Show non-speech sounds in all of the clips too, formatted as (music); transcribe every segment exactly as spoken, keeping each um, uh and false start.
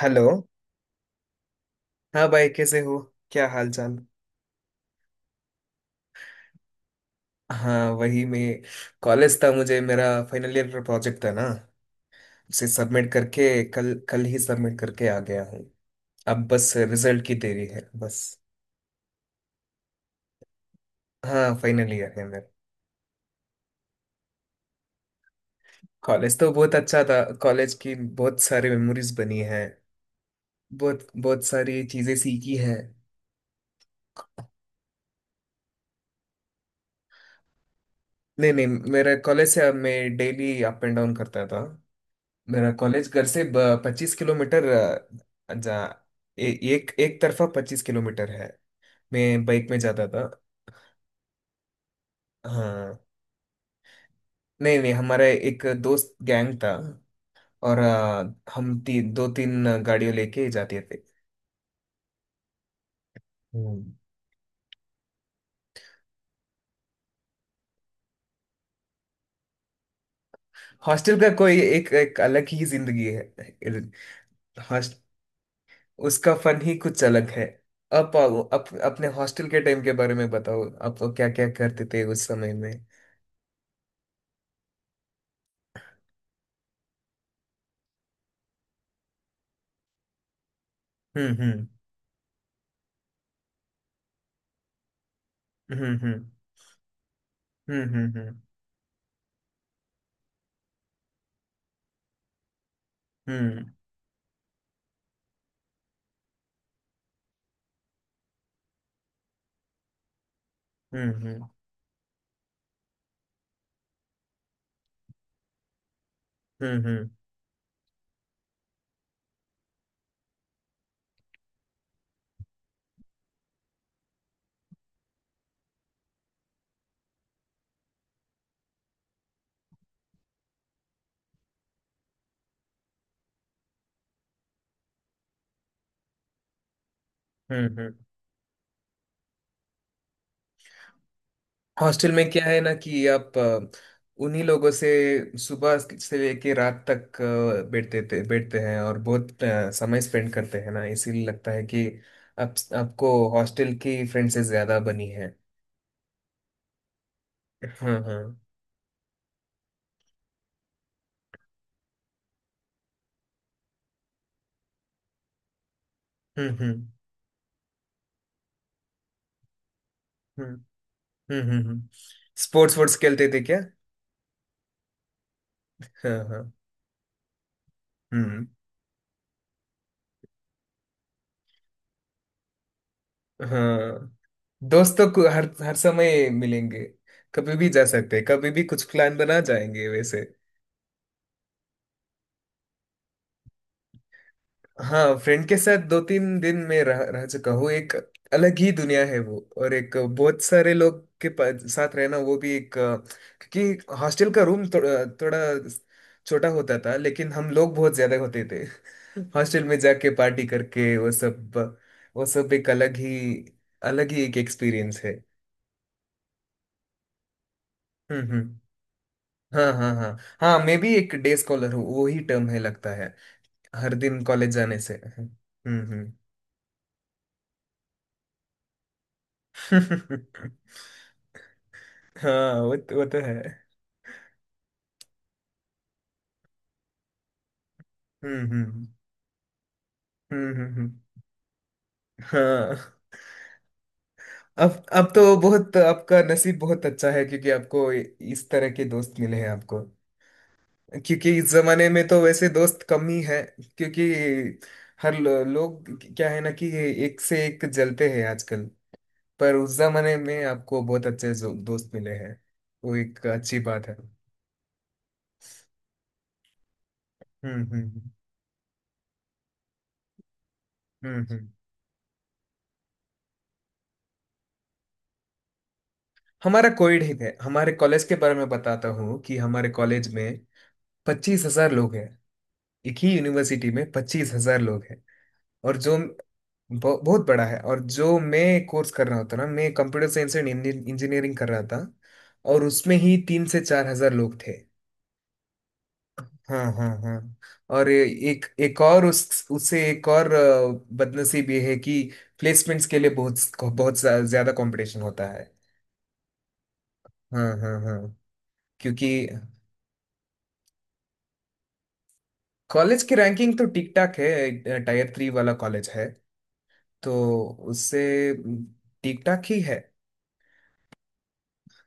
Hello. हाँ भाई, कैसे हो? क्या हाल चाल? हाँ, वही, मैं कॉलेज था, मुझे मेरा फाइनल ईयर का प्रोजेक्ट था ना, उसे सबमिट करके कल कल ही सबमिट करके आ गया हूँ। अब बस रिजल्ट की देरी है, बस। हाँ, फाइनल ईयर है मेरा। कॉलेज तो बहुत अच्छा था, कॉलेज की बहुत सारी मेमोरीज बनी है। बहुत बहुत सारी चीजें सीखी है। नहीं नहीं, मेरा कॉलेज से अब मैं डेली अप एंड डाउन करता था। मेरा कॉलेज घर से पच्चीस किलोमीटर, अ, जा ए, एक एक तरफा पच्चीस किलोमीटर है। मैं बाइक में जाता था। हाँ। नहीं नहीं, हमारा एक दोस्त गैंग था, और अ, हम ती, दो तीन गाड़ियों लेके जाते थे। हम्म। हॉस्टल का कोई एक, एक अलग ही जिंदगी है। हॉस्ट उसका फन ही कुछ अलग है। अब अप, अपने हॉस्टल के टाइम के बारे में बताओ, आप क्या क्या करते थे उस समय में? हम्म हम्म। हम्म हम्म। हम्म हम्म। हम्म हम्म हम्म। हम्म हम्म हम्म। हम्म, हम्म। हॉस्टल में क्या है ना, कि आप अ, उन्हीं लोगों से सुबह से लेके रात तक अ, बैठते थे, बैठते हैं, और बहुत अ, समय स्पेंड करते हैं ना, इसीलिए लगता है कि आप, आपको हॉस्टल की फ्रेंड से ज्यादा बनी है। हाँ हाँ। हम्म हम्म। हम्म हम्म हम्म। स्पोर्ट्स वोर्ट्स खेलते थे क्या? हाँ हाँ। हम्म। हाँ, दोस्तों को हर हर समय मिलेंगे, कभी भी जा सकते हैं, कभी भी कुछ प्लान बना जाएंगे वैसे। हाँ, फ्रेंड के साथ दो तीन दिन में रह रह चुका हूँ। एक अलग ही दुनिया है वो, और एक बहुत सारे लोग के पा- साथ रहना वो भी एक अ, क्योंकि हॉस्टल का रूम थोड़ा थोड़ा छोटा होता था, लेकिन हम लोग बहुत ज्यादा होते थे। हॉस्टल में जाके पार्टी करके, वो सब, वो सब एक अलग ही, अलग ही एक एक्सपीरियंस है। हम्म हम्म। हाँ हाँ हाँ। हाँ, मैं भी एक डे स्कॉलर हूँ, वो ही टर्म है लगता है। हर दिन कॉलेज जाने से। हम्म। हम्म। (laughs) हाँ, वो तो- वो तो है। हम्म हम्म हम्म। हम्म हम्म, हाँ। अब अब तो बहुत आपका नसीब बहुत अच्छा है, क्योंकि आपको इस तरह के दोस्त मिले हैं आपको। क्योंकि इस जमाने में तो वैसे दोस्त कम ही हैं, क्योंकि हर लो, लोग क्या है ना, कि एक से एक जलते हैं आजकल। पर उस जमाने में आपको बहुत अच्छे जो- दोस्त मिले हैं, वो एक अच्छी बात है। हम्म हम्म। हम्म हम्म। हमारा कोविड ही है, हमारे कॉलेज के बारे में बताता हूँ, कि हमारे कॉलेज में पच्चीस हजार लोग हैं, एक ही यूनिवर्सिटी में पच्चीस हजार लोग हैं। और जो बहु- बहुत बड़ा है, और जो मैं कोर्स कर रहा होता ना, मैं कंप्यूटर साइंस एंड इंजीनियरिंग कर रहा था, और उसमें ही तीन से चार हजार लोग थे। हाँ हाँ हाँ। और ए- एक एक और, उस उससे एक और अ, बदनसीब ये है कि प्लेसमेंट्स के लिए बहुत, बहुत ज्या- ज्यादा कंपटीशन होता है। हाँ हाँ हाँ। क्योंकि कॉलेज की रैंकिंग तो ठीक ठाक है, टायर थ्री वाला कॉलेज है, तो उससे ठीक ठाक ही है।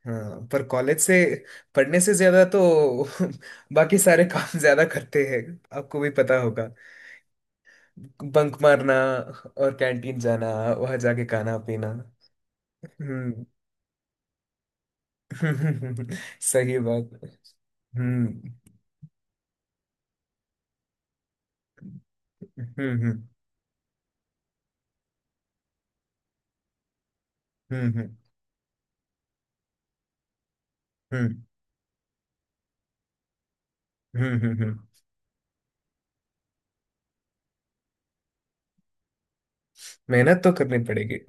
हाँ, पर कॉलेज से पढ़ने से ज्यादा तो (laughs) बाकी सारे काम (laughs) ज्यादा करते हैं, आपको भी पता होगा। बंक मारना और कैंटीन जाना, वहां जाके खाना पीना। हम्म। (laughs) सही बात। हम्म हम्म। हम्म हम्म। हम्म हम्म। हम्म। हम्म, हम्म। मेहनत तो करनी पड़ेगी।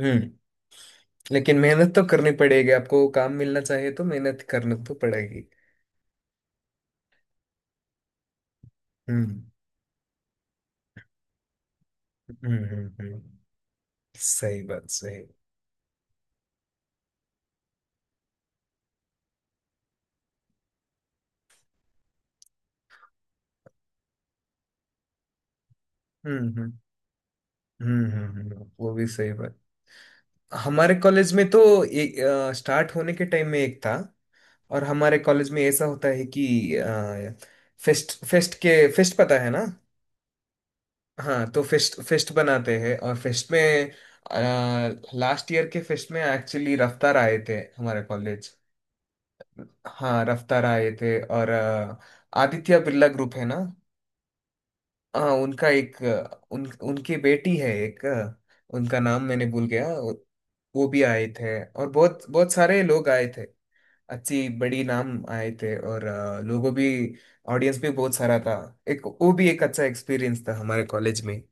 हम्म। लेकिन मेहनत तो करनी पड़ेगी, आपको काम मिलना चाहिए तो मेहनत करनी तो पड़ेगी। हम्म हम्म। हम्म हम्म। सही बात, सही। हम्म हम्म। हम्म हम्म, हम्म, हम्म, वो भी सही बात। हमारे कॉलेज में तो ए, अ, स्टार्ट होने के टाइम में एक था, और हमारे कॉलेज में ऐसा होता है कि अ, फेस्ट, फेस्ट के, फेस्ट पता है ना? हाँ, तो फेस्ट फेस्ट बनाते हैं, और फेस्ट में, लास्ट ईयर के फेस्ट में एक्चुअली रफ्तार आए थे हमारे कॉलेज। हाँ, रफ्तार आए थे, और अ, आदित्य बिरला ग्रुप है ना? हाँ, उनका एक अ, उन, उनकी बेटी है, एक अ, उनका नाम मैंने भूल गया। वो भी आए थे, और बहुत बहुत सारे लोग आए थे। अच्छी बड़ी नाम आए थे, और अ, लोगों भी, ऑडियंस भी बहुत सारा था। एक वो भी एक अच्छा एक्सपीरियंस था हमारे कॉलेज में।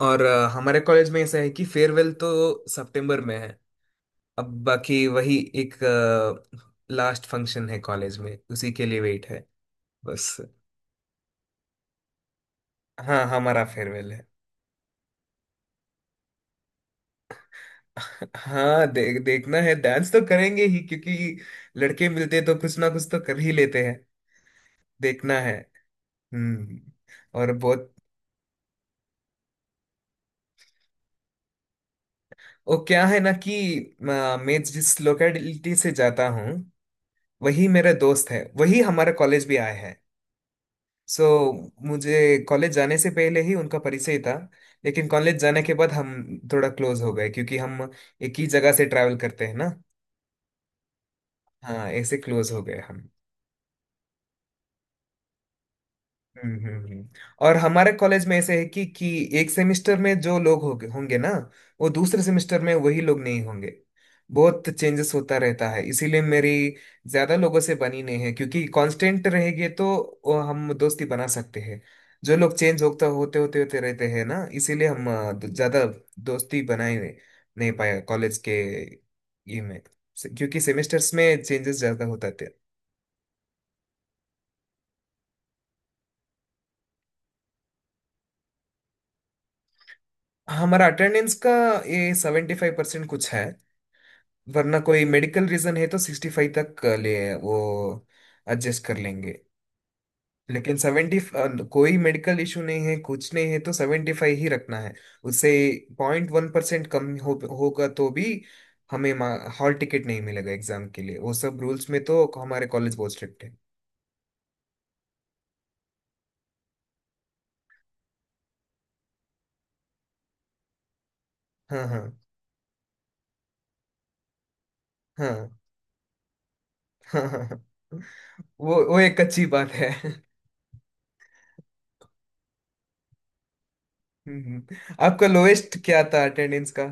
और अ, हमारे कॉलेज में ऐसा है कि फेयरवेल तो सितंबर में है, अब बाकी वही एक लास्ट फंक्शन है कॉलेज में, उसी के लिए वेट है बस। हाँ, हमारा फेयरवेल है। (laughs) हाँ, देख देखना है, डांस तो करेंगे ही, क्योंकि लड़के मिलते तो कुछ ना कुछ तो कर ही लेते हैं। देखना है। हम्म। और बहुत, वो क्या है ना कि अ, मैं जिस लोकेलिटी से जाता हूँ, वही मेरा दोस्त है, वही हमारा कॉलेज भी आया है। सो मुझे कॉलेज जाने से पहले ही उनका परिचय था, लेकिन कॉलेज जाने के बाद हम थोड़ा क्लोज हो गए, क्योंकि हम एक ही जगह से ट्रैवल करते हैं ना। हाँ, ऐसे क्लोज हो गए हम। हम्म हम्म, हम्म। और हमारे कॉलेज में ऐसे है कि कि एक सेमेस्टर में जो लोग होंगे होंगे ना, वो दूसरे सेमेस्टर में वही लोग नहीं होंगे। बहुत चेंजेस होता रहता है, इसीलिए मेरी ज्यादा लोगों से बनी नहीं है, क्योंकि कांस्टेंट रहेंगे तो वो हम दोस्ती बना सकते हैं। जो लोग चेंज होता होते होते होते रहते हैं ना, इसीलिए हम अ, ज्यादा दोस्ती बनाए नहीं पाया कॉलेज के, ये में। क्योंकि सेमेस्टर्स में चेंजेस ज्यादा होता थे। हमारा अटेंडेंस का ये सेवेंटी फाइव परसेंट कुछ है, वरना कोई मेडिकल रीजन है तो सिक्सटी फाइव तक अ, ले वो एडजस्ट कर लेंगे। लेकिन सेवेंटी, कोई मेडिकल इशू नहीं है, कुछ नहीं है, तो सेवेंटी फाइव ही रखना है। उससे पॉइंट वन परसेंट कम हो होगा तो भी हमें हॉल टिकट नहीं मिलेगा एग्जाम के लिए। वो सब रूल्स में तो हमारे कॉलेज बहुत स्ट्रिक्ट है। हाँ हाँ हाँ। हाँ हाँ हाँ। वो वो एक अच्छी बात है। हम्म, हम्म। आपका लोएस्ट क्या था अटेंडेंस का?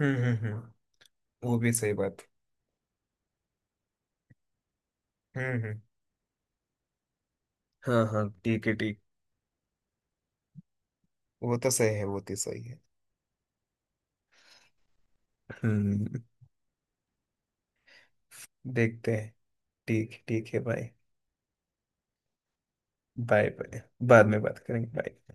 हम्म हम्म हम्म, वो भी सही बात। हम्म हम्म। हाँ हाँ, ठीक है ठीक। वो तो सही है, वो तो सही है। हम्म। देखते हैं। ठीक, ठीक है भाई। बाय, बाय बाद में बात करेंगे। बाय।